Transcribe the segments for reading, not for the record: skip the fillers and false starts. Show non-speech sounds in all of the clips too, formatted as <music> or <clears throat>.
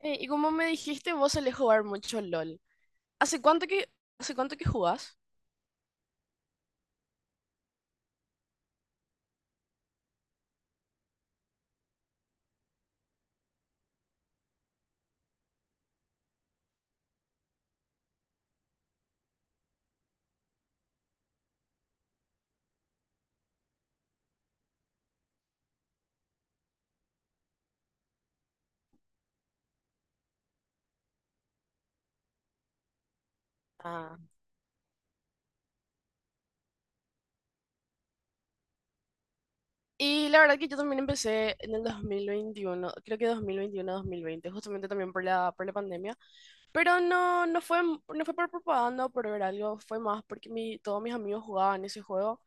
Y como me dijiste, vos solés jugar mucho LOL. ¿Hace cuánto que, hace cuánto que jugás? Ah, y la verdad que yo también empecé en el 2021, creo que 2021-2020, justamente también por la pandemia. Pero no fue por propaganda o por ver algo, fue más porque todos mis amigos jugaban ese juego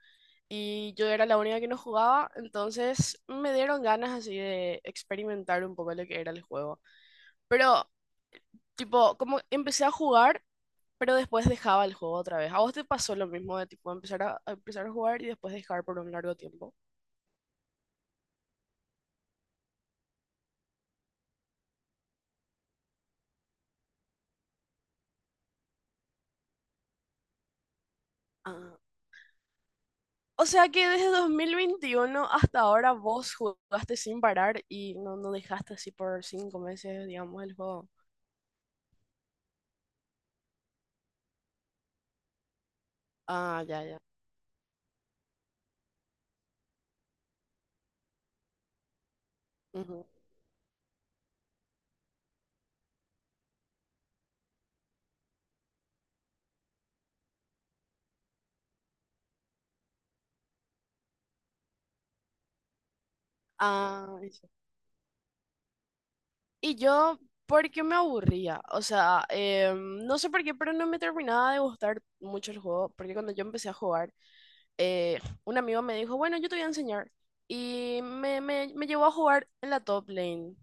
y yo era la única que no jugaba, entonces me dieron ganas así de experimentar un poco lo que era el juego. Pero tipo, como empecé a jugar, pero después dejaba el juego otra vez. ¿A vos te pasó lo mismo de tipo empezar a jugar y después dejar por un largo tiempo? Ah. O sea que desde 2021 hasta ahora vos jugaste sin parar y no dejaste así por cinco meses, digamos, el juego. Ah, ya, ya. Ujú. Ah, y yo, porque me aburría, o sea, no sé por qué, pero no me terminaba de gustar mucho el juego, porque cuando yo empecé a jugar, eh, un amigo me dijo, bueno, yo te voy a enseñar. Y me llevó a jugar en la top lane.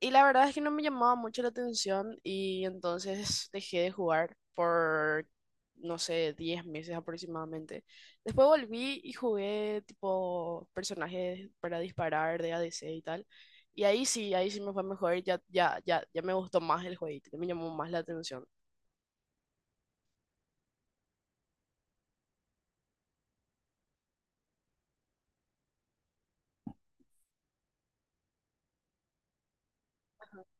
Y la verdad es que no me llamaba mucho la atención y entonces dejé de jugar por, no sé, 10 meses aproximadamente. Después volví y jugué tipo personajes para disparar de A D C y tal. Y ahí sí me fue mejor, ya me gustó más el jueguito, ya me llamó más la atención.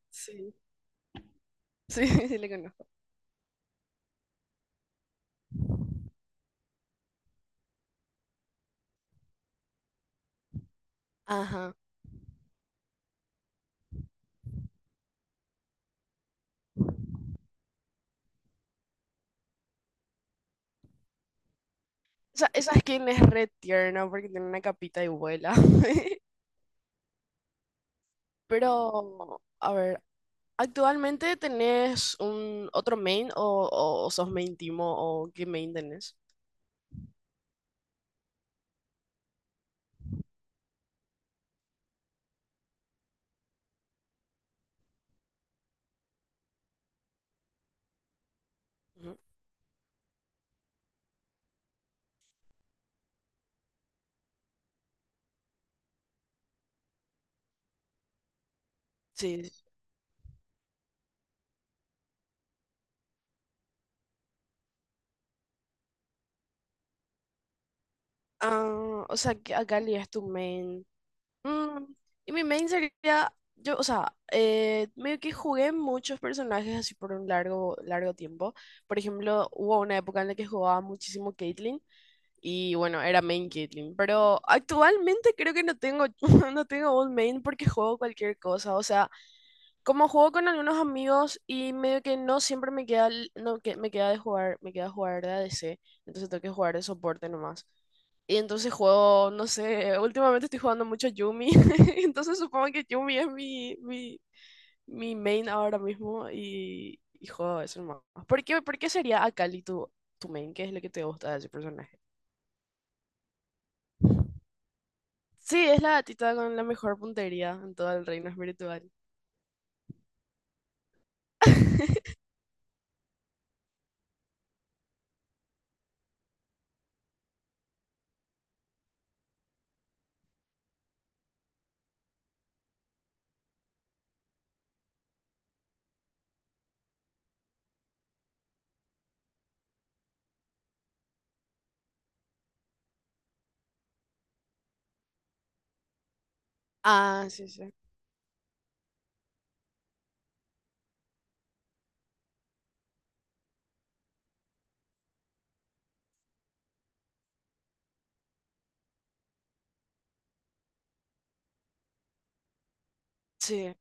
Sí. <laughs> Sí, sí le conozco. Ajá. Esa skin es re tierna porque tiene una capita y vuela. <laughs> Pero, a ver, ¿actualmente tenés un otro main o, o sos main Timo o qué main tenés? Ujú. Sí. Ah, o sea, que Akali es tu main. Mm, y mi main sería, yo, o sea, medio que jugué muchos personajes así por un largo, largo tiempo. Por ejemplo, hubo una época en la que jugaba muchísimo Caitlyn y bueno, era main Caitlyn. Pero actualmente creo que no tengo, <laughs> no tengo un main porque juego cualquier cosa. O sea, como juego con algunos amigos y medio que no siempre me queda, el- no, que me queda de jugar, me queda jugar de ADC, entonces tengo que jugar de soporte nomás. Y entonces juego, no sé, últimamente estoy jugando mucho Yumi. <laughs> Entonces supongo que Yumi es mi main ahora mismo y juego eso nomás. ¿Por qué sería Akali tu, tu main? ¿Qué es lo que te gusta de ese personaje? Sí, es la gatita con la mejor puntería en todo el reino espiritual. <laughs> Ah, sí, sí. Sí.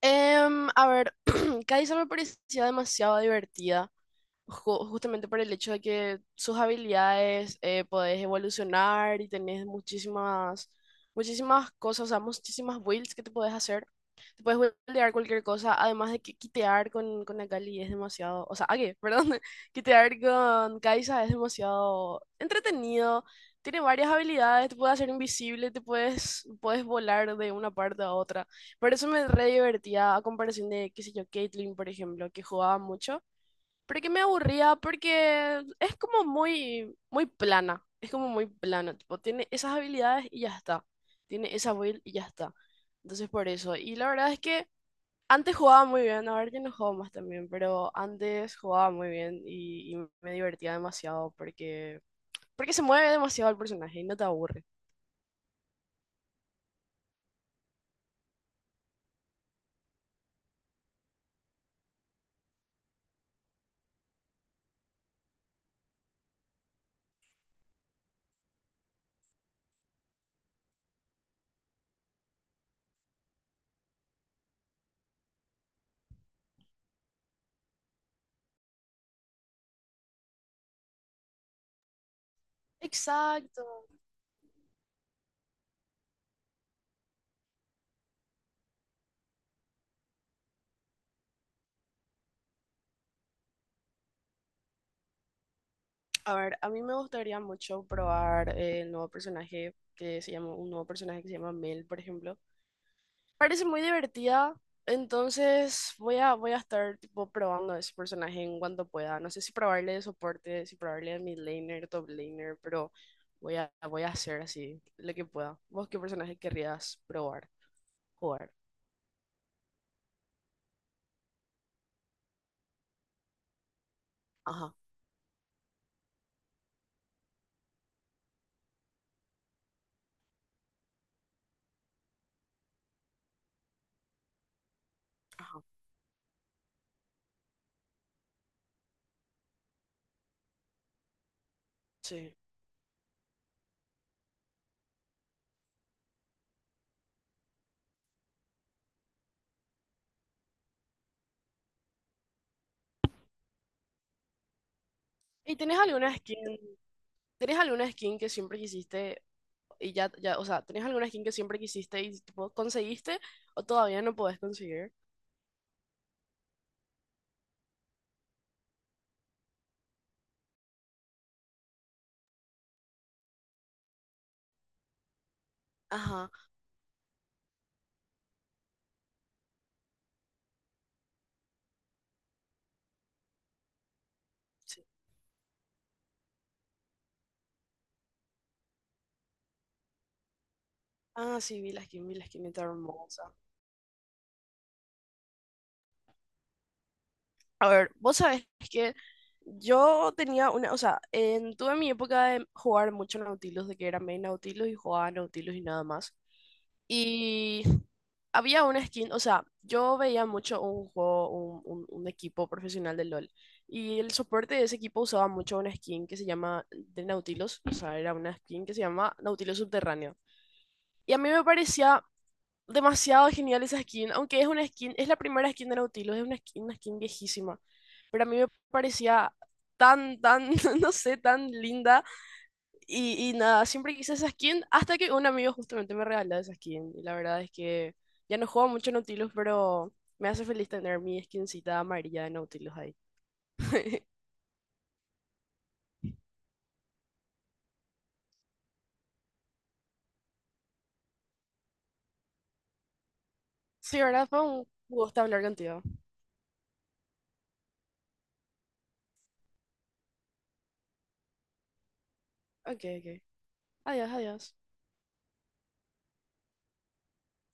A ver, <clears throat> Kaisa me parecía demasiado divertida, justamente por el hecho de que sus habilidades podés evolucionar y tenés muchísimas, muchísimas cosas, o sea, muchísimas builds que te podés hacer. Te puedes buildear cualquier cosa, además de que quitear con Akali es demasiado, o sea, Age, <laughs> perdón, quitear con Kai'Sa es demasiado entretenido. Tiene varias habilidades, te puede hacer invisible, te puedes, puedes volar de una parte a otra. Por eso me re divertía a comparación de, qué sé yo, Caitlyn, por ejemplo, que jugaba mucho porque me aburría, porque es como muy, muy plana. Es como muy plana. Tipo, tiene esas habilidades y ya está. Tiene esa build y ya está. Entonces, por eso. Y la verdad es que antes jugaba muy bien. Ahora ya no juego más también. Pero antes jugaba muy bien y me divertía demasiado porque, porque se mueve demasiado el personaje y no te aburre. Exacto. A ver, a mí me gustaría mucho probar el nuevo personaje que se llama, un nuevo personaje que se llama Mel, por ejemplo. Parece muy divertida, entonces voy a, voy a estar tipo probando a ese personaje en cuanto pueda. No sé si probarle de soporte, si probarle de mid laner, top laner, pero voy a, voy a hacer así lo que pueda. ¿Vos qué personaje querrías probar, jugar? Ajá, ajá, sí. ¿Y tenés alguna skin que siempre quisiste y ya, ya, o sea, tenés alguna skin que siempre quisiste y tipo conseguiste o todavía no podés conseguir? Ajá, sí. Ah, sí, vi la skin, está hermosa. A ver, vos sabés que yo tenía una, o sea, en, tuve mi época de jugar mucho Nautilus, de que era main Nautilus y jugaba Nautilus y nada más. Y había una skin, o sea, yo veía mucho un juego, un, un equipo profesional de LOL. Y el soporte de ese equipo usaba mucho una skin que se llama de Nautilus, o sea, era una skin que se llama Nautilus Subterráneo. Y a mí me parecía demasiado genial esa skin, aunque es una skin, es la primera skin de Nautilus, es una skin viejísima, pero a mí me parecía tan, tan, <laughs> no sé, tan linda. Y nada, siempre quise esa skin hasta que un amigo justamente me regaló esa skin. Y la verdad es que ya no juego mucho Nautilus, pero me hace feliz tener mi skincita amarilla de Nautilus ahí. <laughs> Sí, ¿verdad? Fue un gusto hablar contigo. Ok, ok. Adiós, adiós.